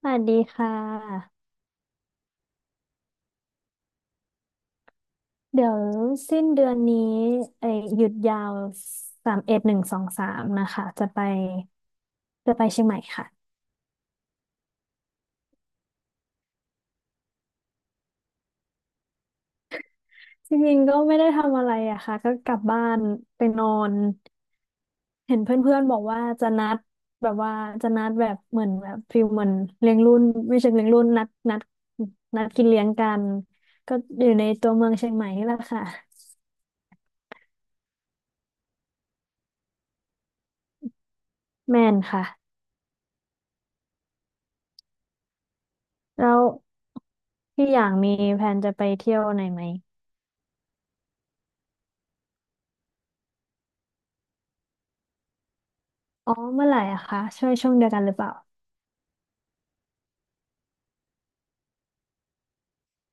สวัสดีค่ะเดี๋ยวสิ้นเดือนนี้เอ้ยหยุดยาว31/1-2/3นะคะจะไปเชียงใหม่ค่ะจริงๆก็ไม่ได้ทำอะไรอะค่ะก็กลับบ้านไปนอนเห็นเพื่อนๆบอกว่าจะนัดแบบว่าจะนัดแบบเหมือนแบบฟิลเหมือนเลี้ยงรุ่นไม่ใช่เลี้ยงรุ่นนัดกินเลี้ยงกันก็อยู่ในตัวเมืองเชียงใหม่นี่แหละค่ะแม่นค่ะแล้วพี่อย่างมีแผนจะไปเที่ยวไหนไหม อ๋อเมื่อไหร่อะคะช่วงเดียวกันหรือเปล่า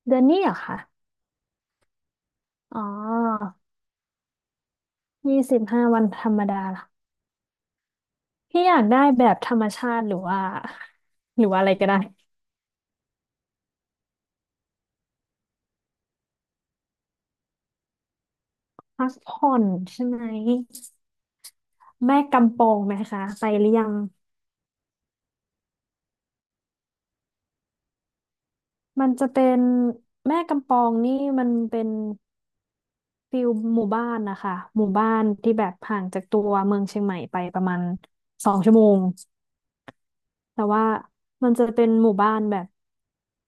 เดือนนี้เหรอะคะอ๋อ25วันธรรมดาเหรอพี่อยากได้แบบธรรมชาติหรือว่าอะไรก็ได้พักผ่อนใช่ไหมแม่กำปองไหมคะไปหรือยังมันจะเป็นแม่กำปองนี่มันเป็นฟิลหมู่บ้านนะคะหมู่บ้านที่แบบห่างจากตัวเมืองเชียงใหม่ไปประมาณ2 ชั่วโมง แต่ว่ามันจะเป็นหมู่บ้านแบบ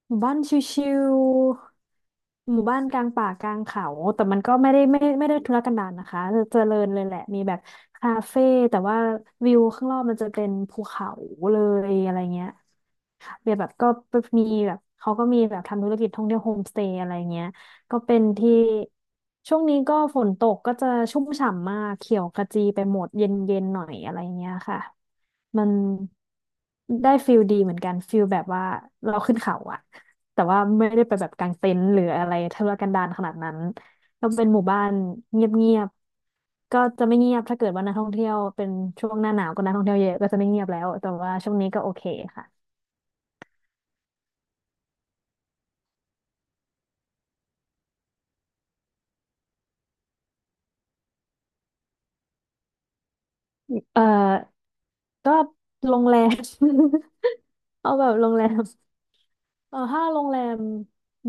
หมู่บ้านชิวๆ หมู่บ้านกลางป่ากลางเขา แต่มันก็ไม่ได้ทุรกันดารนะคะจะเจริญเลยแหละมีแบบคาเฟ่แต่ว่าวิวข้างนอกมันจะเป็นภูเขาเลยอะไรเงี้ยเบียแบบก็มีแบบเขาก็มีแบบทำธุรกิจท่องเที่ยวโฮมสเตย์อะไรเงี้ยก็เป็นที่ช่วงนี้ก็ฝนตกก็จะชุ่มฉ่ำมากเขียวขจีไปหมดเย็นๆหน่อยอะไรเงี้ยค่ะ มันได้ฟิลดีเหมือนกันฟิลแบบว่าเราขึ้นเขาอะแต่ว่าไม่ได้ไปแบบกางเต็นท์หรืออะไรทุรกันดารขนาดนั้นก็เป็นหมู่บ้านเงียบๆก็จะไม่เงียบถ้าเกิดว่านักท่องเที่ยวเป็นช่วงหน้าหนาวก็นักท่องเที่ยวเยอะก็จะไม่เงียบแล้วแต่ว่าช่วงนี้ก็โอเคค่ะเอ่อก็โรงแรม เอาแบบโรงแรมเออถ้าโรงแรม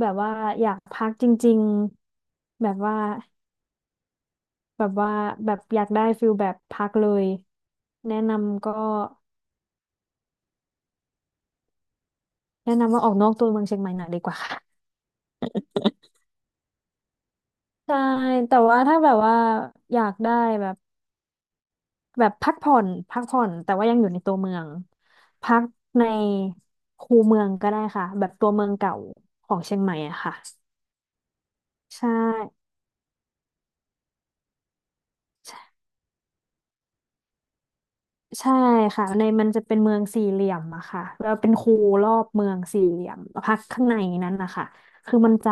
แบบว่าอยากพักจริงๆแบบว่าแบบอยากได้ฟิลแบบพักเลยแนะนำก็แนะนำว่าออกนอกตัวเมืองเชียงใหม่หน่อยดีกว่า ค่ะใช่แต่ว่าถ้าแบบว่าอยากได้แบบแบบพักผ่อนพักผ่อนแต่ว่ายังอยู่ในตัวเมืองพักในคูเมืองก็ได้ค่ะแบบตัวเมืองเก่าของเชียงใหม่อะค่ะใช่ ใช่ค่ะในมันจะเป็นเมืองสี่เหลี่ยมอะค่ะแล้วเป็นคูรอบเมืองสี่เหลี่ยมลพักข้างในนั้นนะคะคือมันจะ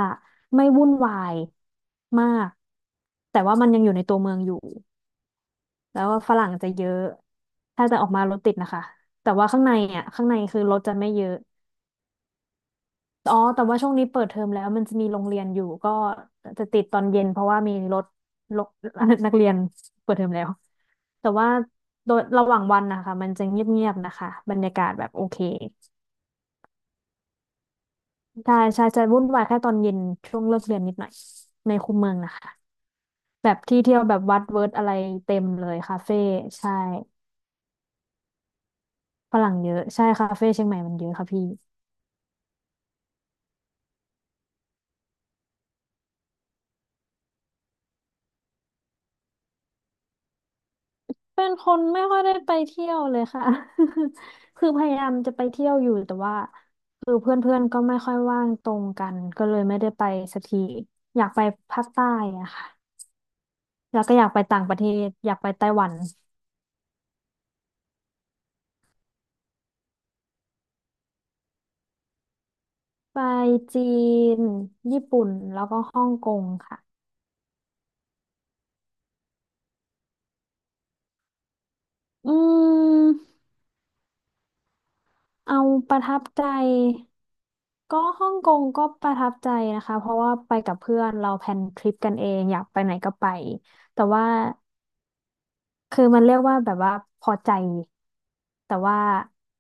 ไม่วุ่นวายมากแต่ว่ามันยังอยู่ในตัวเมืองอยู่แล้วก็ฝรั่งจะเยอะถ้าจะออกมารถติดนะคะแต่ว่าข้างในอะข้างในคือรถจะไม่เยอะอ๋อแต่ว่าช่วงนี้เปิดเทอมแล้วมันจะมีโรงเรียนอยู่ก็จะติดตอนเย็นเพราะว่ามีรถ นักเรียนเปิดเทอมแล้ว แต่ว่าโดยระหว่างวันนะคะมันจะเงียบๆนะคะบรรยากาศแบบโอเคใช่ใช่จะวุ่นวายแค่ตอนเย็นช่วงเลิกเรียนนิดหน่อยในคูเมืองนะคะแบบที่เที่ยวแบบวัดเวิร์ดอะไรเต็มเลยคาเฟ่ใช่ฝรั่งเยอะใช่คาเฟ่เชียงใหม่มันเยอะค่ะพี่เป็นคนไม่ค่อยได้ไปเที่ยวเลยค่ะ คือพยายามจะไปเที่ยวอยู่แต่ว่าคือเพื่อนๆก็ไม่ค่อยว่างตรงกันก็เลยไม่ได้ไปสักทีอยากไปภาคใต้อะค่ะแล้วก็อยากไปต่างประเทศอยากไปไต้หวัน ไปจีน ญี่ปุ่น แล้วก็ฮ่องกงค่ะอืมเอาประทับใจ ก็ฮ่องกงก็ประทับใจนะคะ เพราะว่าไปกับเพื่อนเราแพลนทริปกันเองอยากไปไหนก็ไป แต่ว่า คือมันเรียกว่าแบบว่าพอใจแต่ว่า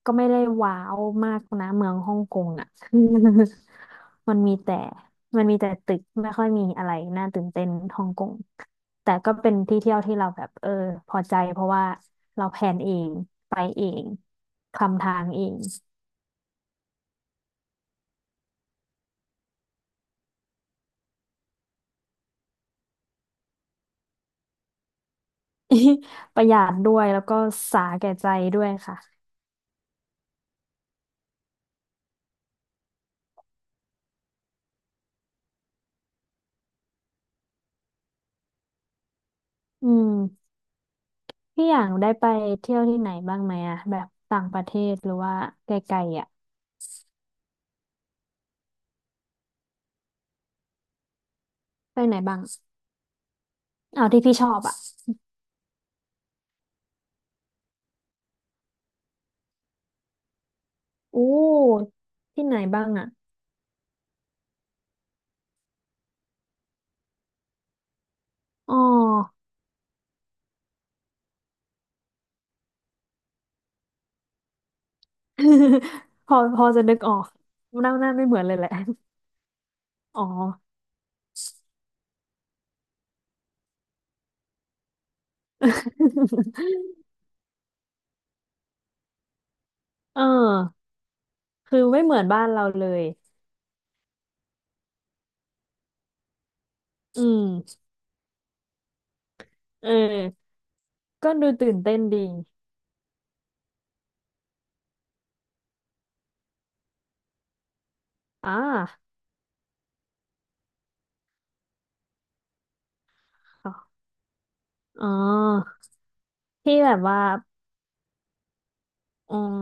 ก็ไม่ได้ว้าวมากนะเมืองฮ่องกงอ่ะ มันมีแต่มันมีแต่ตึกไม่ค่อยมีอะไรน่าตื่นเต้นฮ่องกงแต่ก็เป็นที่เที่ยวที่เราแบบเออพอใจเพราะว่าเราแพลนเองไปเองคลำทางเอง ประหยัดด้วยแล้วก็สาแก่ใจด้วยค่ะอืมพี่อย่างได้ไปเที่ยวที่ไหนบ้างไหมอะแบบต่างประเทศหรือว่าไกลๆอ่ะไปไหนบ้าง เอาที่พี่ชอบอ่ะอู้ที่ไหนบ้างอ่ะอ๋อ พอจะนึกออกหน้าไม่เหมือนเลยแหละอ๋อ เออคือไม่เหมือนบ้านเราเลย อืมเออก็ดูตื่นเต้นดีอ่าค่ะอ๋อที่แบบว่าอืม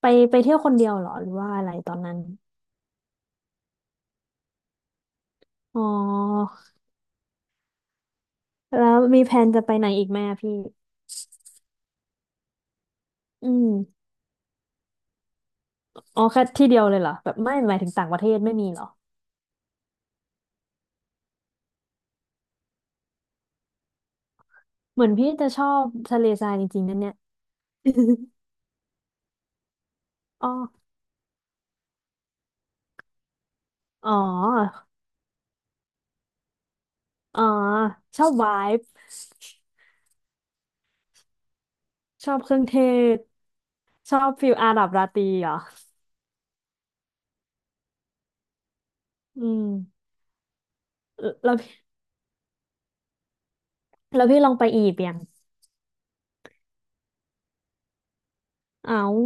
ไปไปเที่ยวคนเดียวเหรอหรือว่าอะไรตอนนั้นอ๋อแล้วมีแผนจะไปไหนอีกไหมอะพี่ อืมอ๋อแค่ที่เดียวเลยเหรอแบบไม่หมายถึงต่างประเทศไม่มีเหรอ เหมือนพี่จะชอบทะเลทรายจริงๆนั่นเนี่ย อ๋ออ๋ออ๋อชอบไวบ์ชอบเครื่องเทศชอบฟิลอาหรับราตรีเหรออืมแล้วพี่แล้วพี่ลองไปอียิปต์ยังอ้าว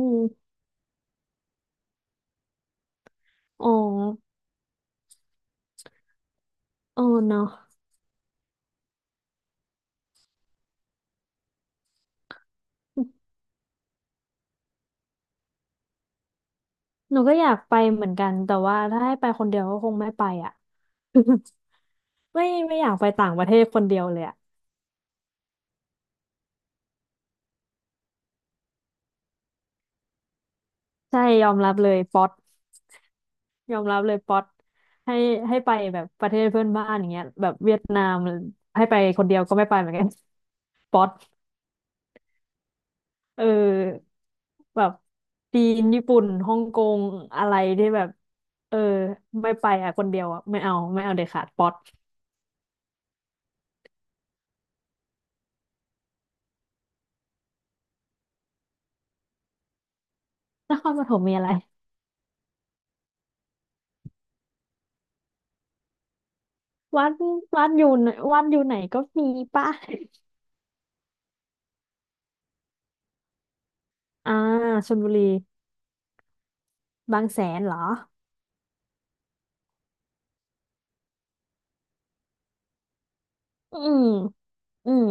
อ๋ออ๋อเนาะหนูก็อยากไปเหมือนกัน แต่ว่าถ้าให้ไปคนเดียวก็คงไม่ไปอ่ะ ไม่อยากไปต่างประเทศคนเดียวเลยอ่ะใช่ยอมรับเลยป๊อต ยอมรับเลยป๊อตให้ให้ไปแบบประเทศเพื่อนบ้านอย่างเงี้ยแบบเวียดนามให้ไปคนเดียวก็ไม่ไปเหมือนกัน ป๊อตเออแบบจีนญี่ปุ่นฮ่องกงอะไรที่แบบเออไม่ไปอ่ะคนเดียวอ่ะไม่เอาไม่เอาเด็ดขาดป๊อตนครปฐมมีอะไรวัดวัดอยู่ไหนวัดอยู่ไหนก็มีป่ะ อ่าชลบุรีบางแสนเหรออืมอืม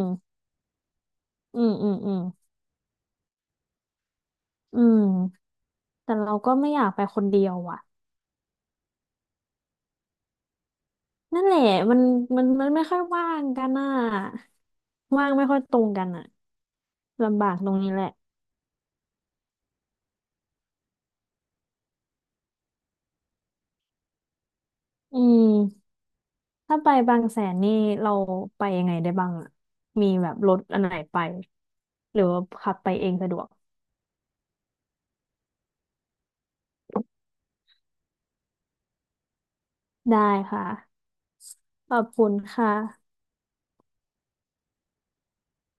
อืมอืมอืมอืมแต่เราก็ไม่อยากไปคนเดียวอ่ะ นั่นแหละมันมันไม่ค่อยว่างกันอ่ะว่างไม่ค่อยตรงกันอ่ะลำบากตรงนี้แหละอืมถ้าไปบางแสนนี่เราไปยังไงได้บ้างอ่ะมีแบบรถอันไหนไปหรือว่าขับไปเองสะดวกได้ค่ะขอบคุณค่ะ